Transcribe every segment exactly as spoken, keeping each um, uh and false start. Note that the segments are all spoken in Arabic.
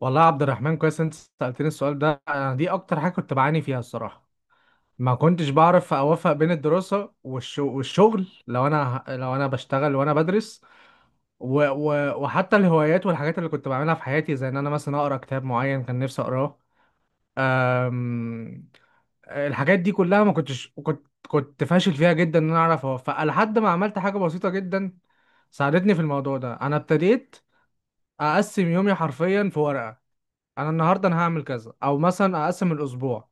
والله يا عبد الرحمن، كويس انت سألتني السؤال ده. انا دي اكتر حاجة كنت بعاني فيها الصراحة. ما كنتش بعرف اوفق بين الدراسة والش- والشغل لو انا لو انا بشتغل وانا بدرس. و... و... وحتى الهوايات والحاجات اللي كنت بعملها في حياتي، زي ان انا مثلا اقرا كتاب معين كان نفسي اقراه. أم... الحاجات دي كلها ما كنتش كنت كنت فاشل فيها جدا ان انا اعرف اوفقها، لحد ما عملت حاجة بسيطة جدا ساعدتني في الموضوع ده. انا ابتديت اقسم يومي حرفيا في ورقة. انا النهارده انا هعمل كذا، او مثلا اقسم الاسبوع.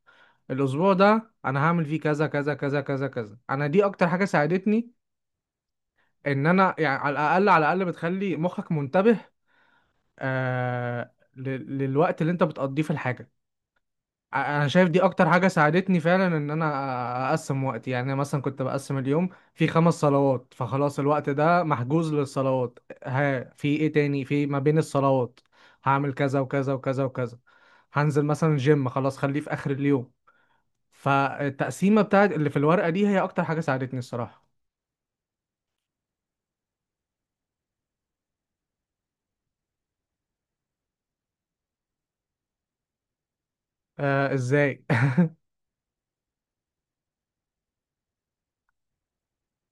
الاسبوع ده انا هعمل فيه كذا كذا كذا كذا كذا. انا دي اكتر حاجه ساعدتني، ان انا يعني على الاقل على الاقل بتخلي مخك منتبه، آه لل- للوقت اللي انت بتقضيه في الحاجه. ع- انا شايف دي اكتر حاجه ساعدتني فعلا، ان انا اقسم وقتي. يعني انا مثلا كنت بقسم اليوم في خمس صلوات، فخلاص الوقت ده محجوز للصلوات. ها في ايه تاني في ما بين الصلوات؟ هعمل كذا وكذا وكذا وكذا. هنزل مثلا جيم، خلاص خليه في اخر اليوم. فالتقسيمه بتاعت اللي في الورقه دي هي اكتر حاجه ساعدتني الصراحه. آه، ازاي؟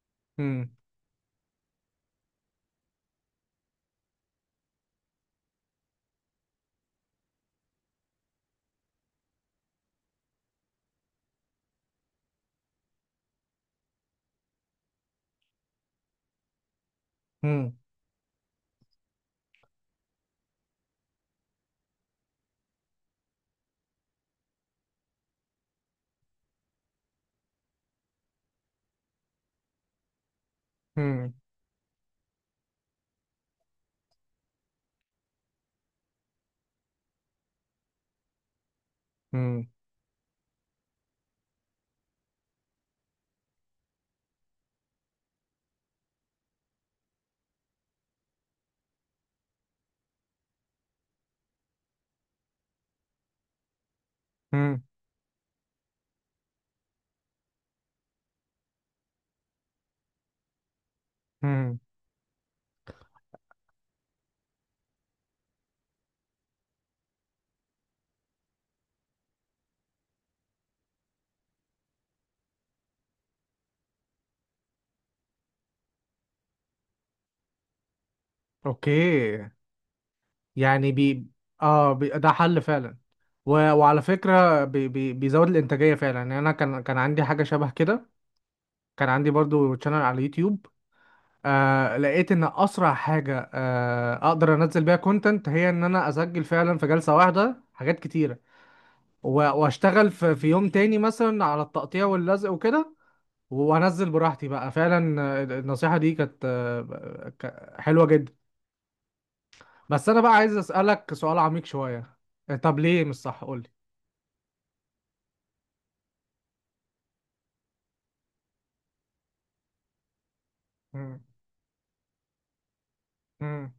هم، هم، هم، هم، هم، هم. اوكي. يعني بي اه بي... ده حل فعلا. و... وعلى فكرة بي... بي... بيزود الإنتاجية فعلا. يعني أنا كان كان عندي حاجة شبه كده. كان عندي برضو شانل على اليوتيوب. آه لقيت إن أسرع حاجة آه أقدر أنزل بيها كونتنت، هي إن أنا أسجل فعلا في جلسة واحدة حاجات كتيرة و... وأشتغل في... في يوم تاني مثلا على التقطيع واللزق وكده، وأنزل براحتي بقى فعلا. آه، النصيحة دي كانت آه، ك- حلوة جدا. بس أنا بقى عايز أسألك سؤال عميق شوية. طب ليه مش صح؟ قولي. مم. مم.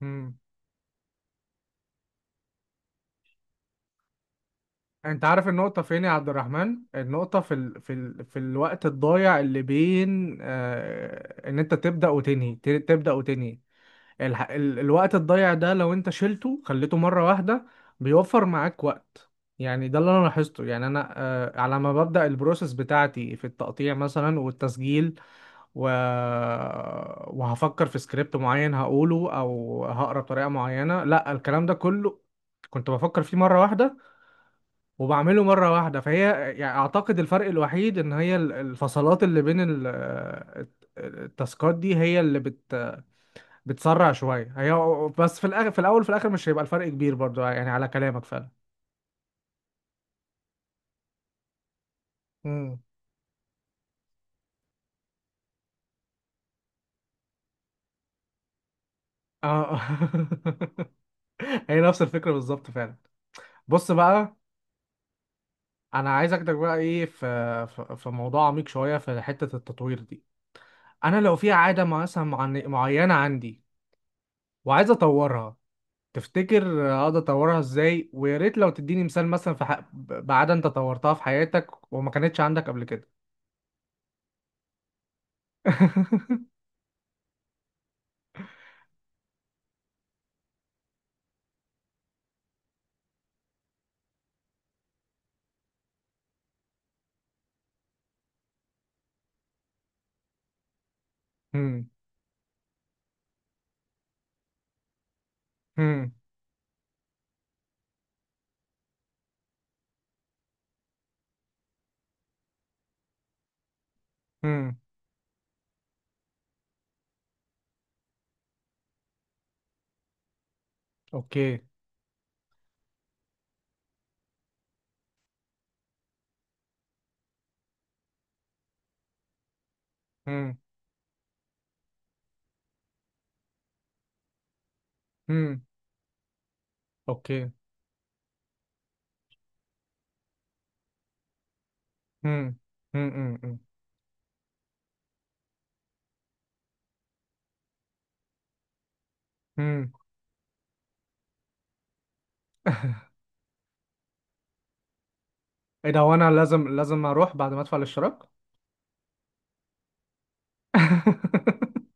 مم. انت عارف النقطة فين يا عبد الرحمن؟ النقطة في ال... في ال... في الوقت الضايع اللي بين آه... ان انت تبدأ وتنهي، ت... تبدأ وتنهي. الح... ال... الوقت الضايع ده لو انت شلته خليته مرة واحدة بيوفر معاك وقت. يعني ده اللي انا لاحظته. يعني انا آه... على ما ببدأ البروسيس بتاعتي في التقطيع مثلا والتسجيل، و... وهفكر في سكريبت معين هقوله، او هقرا بطريقه معينه، لا الكلام ده كله كنت بفكر فيه مره واحده وبعمله مره واحده. فهي يعني اعتقد الفرق الوحيد ان هي ال- الفصلات اللي بين ال- التاسكات دي هي اللي بت... بتسرع شويه هي. بس في الاخر، في الاول في الاخر، مش هيبقى الفرق كبير برضو يعني على كلامك فعلا. امم، اه. هي نفس الفكره بالظبط فعلا. بص بقى، انا عايز اخدك بقى ايه، في في في موضوع عميق شويه في حته التطوير دي. انا لو في عاده مثلا معن- معينه عندي وعايز اطورها، تفتكر اقدر اطورها ازاي؟ ويا ريت لو تديني مثال مثلا في ح... ب- بعاده انت طورتها في حياتك وما كانتش عندك قبل كده. هم، هم، هم. اوكي. هم، هم. اوكي. هم، هم، هم، هم. هم. ايه ده، هو انا لازم لازم اروح بعد ما ادفع الاشتراك؟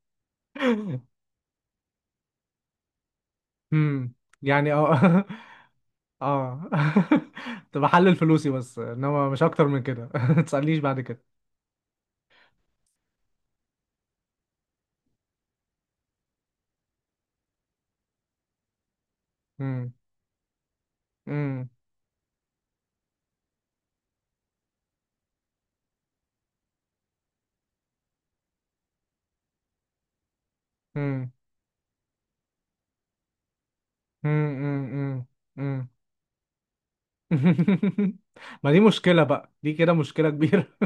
امم. يعني اه. اه. تبقى حل الفلوسي بس، انما مش اكتر من كده. ما تسألنيش بعد كده. امم. امم. امم. امم. امم. امم. ما دي مشكلة بقى، دي كده مشكلة كبيرة.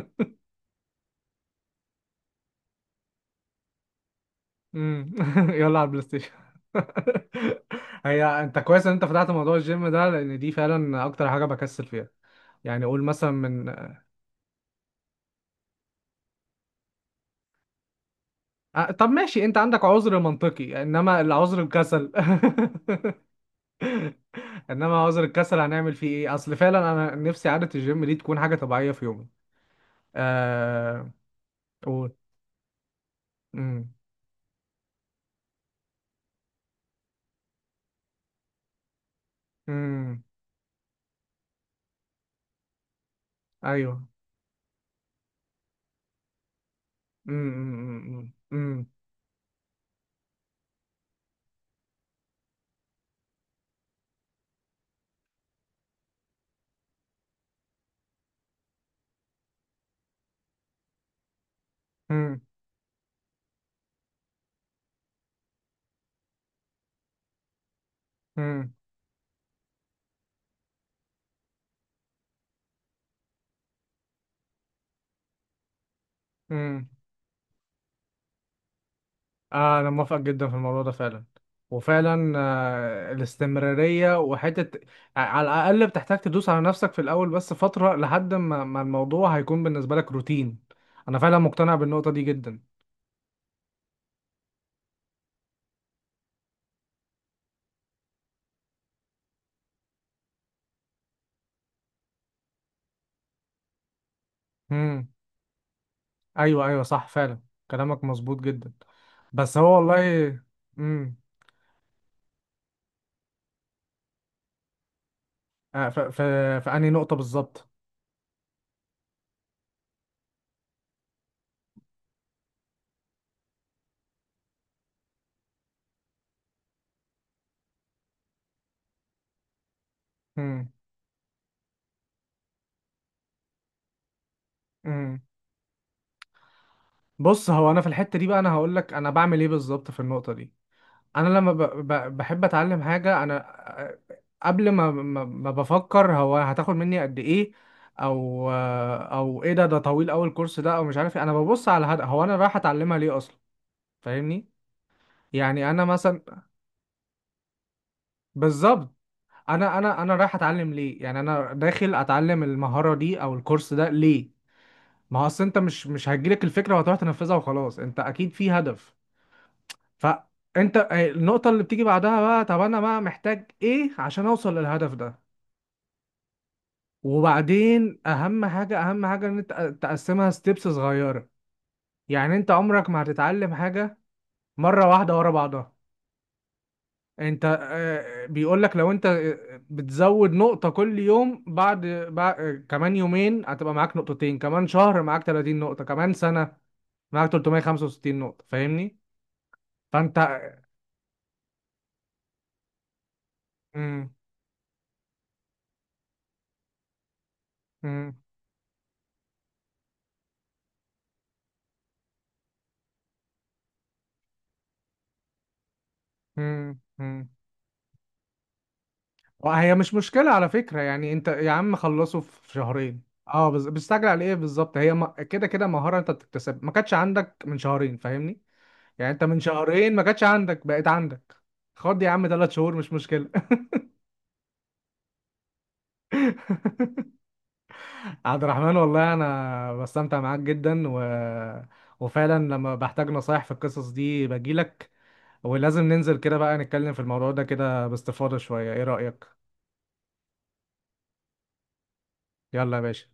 امم. يلا على البلاي ستيشن. هي انت كويس ان انت فتحت موضوع الجيم ده، لان دي فعلا اكتر حاجة بكسل فيها. يعني قول مثلا من آه، طب ماشي، انت عندك عذر منطقي، انما العذر الكسل. انما عذر الكسل هنعمل فيه ايه؟ اصل فعلا انا نفسي عادة الجيم دي تكون حاجة طبيعية في يومي. آه، قول. امم. امم. ايوه. امم. امم. امم. امم. امم. آه، انا موافق جدا في الموضوع ده فعلا. وفعلا آه الاستمرارية وحتة، ع- على الاقل بتحتاج تدوس على نفسك في الاول بس فترة لحد ما ما الموضوع هيكون بالنسبة لك روتين. انا فعلا مقتنع بالنقطة دي جدا. ايوه، ايوه، صح فعلا، كلامك مظبوط جدا. بس هو والله. امم. في في انهي نقطه بالظبط؟ امم. امم. بص، هو انا في الحته دي بقى انا هقول لك انا بعمل ايه بالظبط في النقطه دي. انا لما ب... ب... بحب اتعلم حاجه انا، آه، قبل ما ما, ما بفكر هو هتاخد مني قد ايه، او آه، او ايه، ده ده طويل قوي الكورس ده، او مش عارف ايه، انا ببص على الهدف. هو انا رايح اتعلمها ليه اصلا؟ فاهمني. يعني انا مثلا بالظبط، انا انا انا رايح اتعلم ليه؟ يعني انا داخل اتعلم المهاره دي او الكورس ده ليه؟ ما هو اصل انت مش مش هتجيلك الفكره وهتروح تنفذها وخلاص، انت اكيد في هدف. فانت، آه، النقطه اللي بتيجي بعدها بقى، طب انا بقى محتاج ايه عشان اوصل للهدف ده؟ وبعدين اهم حاجه اهم حاجه ان انت تقسمها ستيبس صغيره. يعني انت عمرك ما هتتعلم حاجه مره واحده ورا بعضها. انت، آه، بيقول لك لو انت آه، بتزود نقطة كل يوم، بعد, بعد آه، كمان يومين هتبقى معاك نقطتين، كمان شهر معاك ثلاثون نقطة، كمان سنة معاك ثلاثمية وخمسة وستين نقطة. فاهمني؟ فانت، آه، مم، مم، مم، مم. وهي مش مشكلة على فكرة، يعني انت يا عم خلصه في شهرين. اه، بز- بتستعجل على ايه بالظبط؟ هي م- كده كده مهارة انت بتكتسب، ما كانتش عندك من شهرين فاهمني. يعني انت من شهرين ما كانتش عندك، بقت عندك. خد يا عم ثلاث شهور، مش مشكلة. عبد الرحمن، والله انا بستمتع معاك جدا، و... وفعلا لما بحتاج نصايح في القصص دي بجيلك. ولازم ننزل كده بقى نتكلم في الموضوع ده كده باستفاضة شوية، ايه رأيك؟ يلا يا باشا.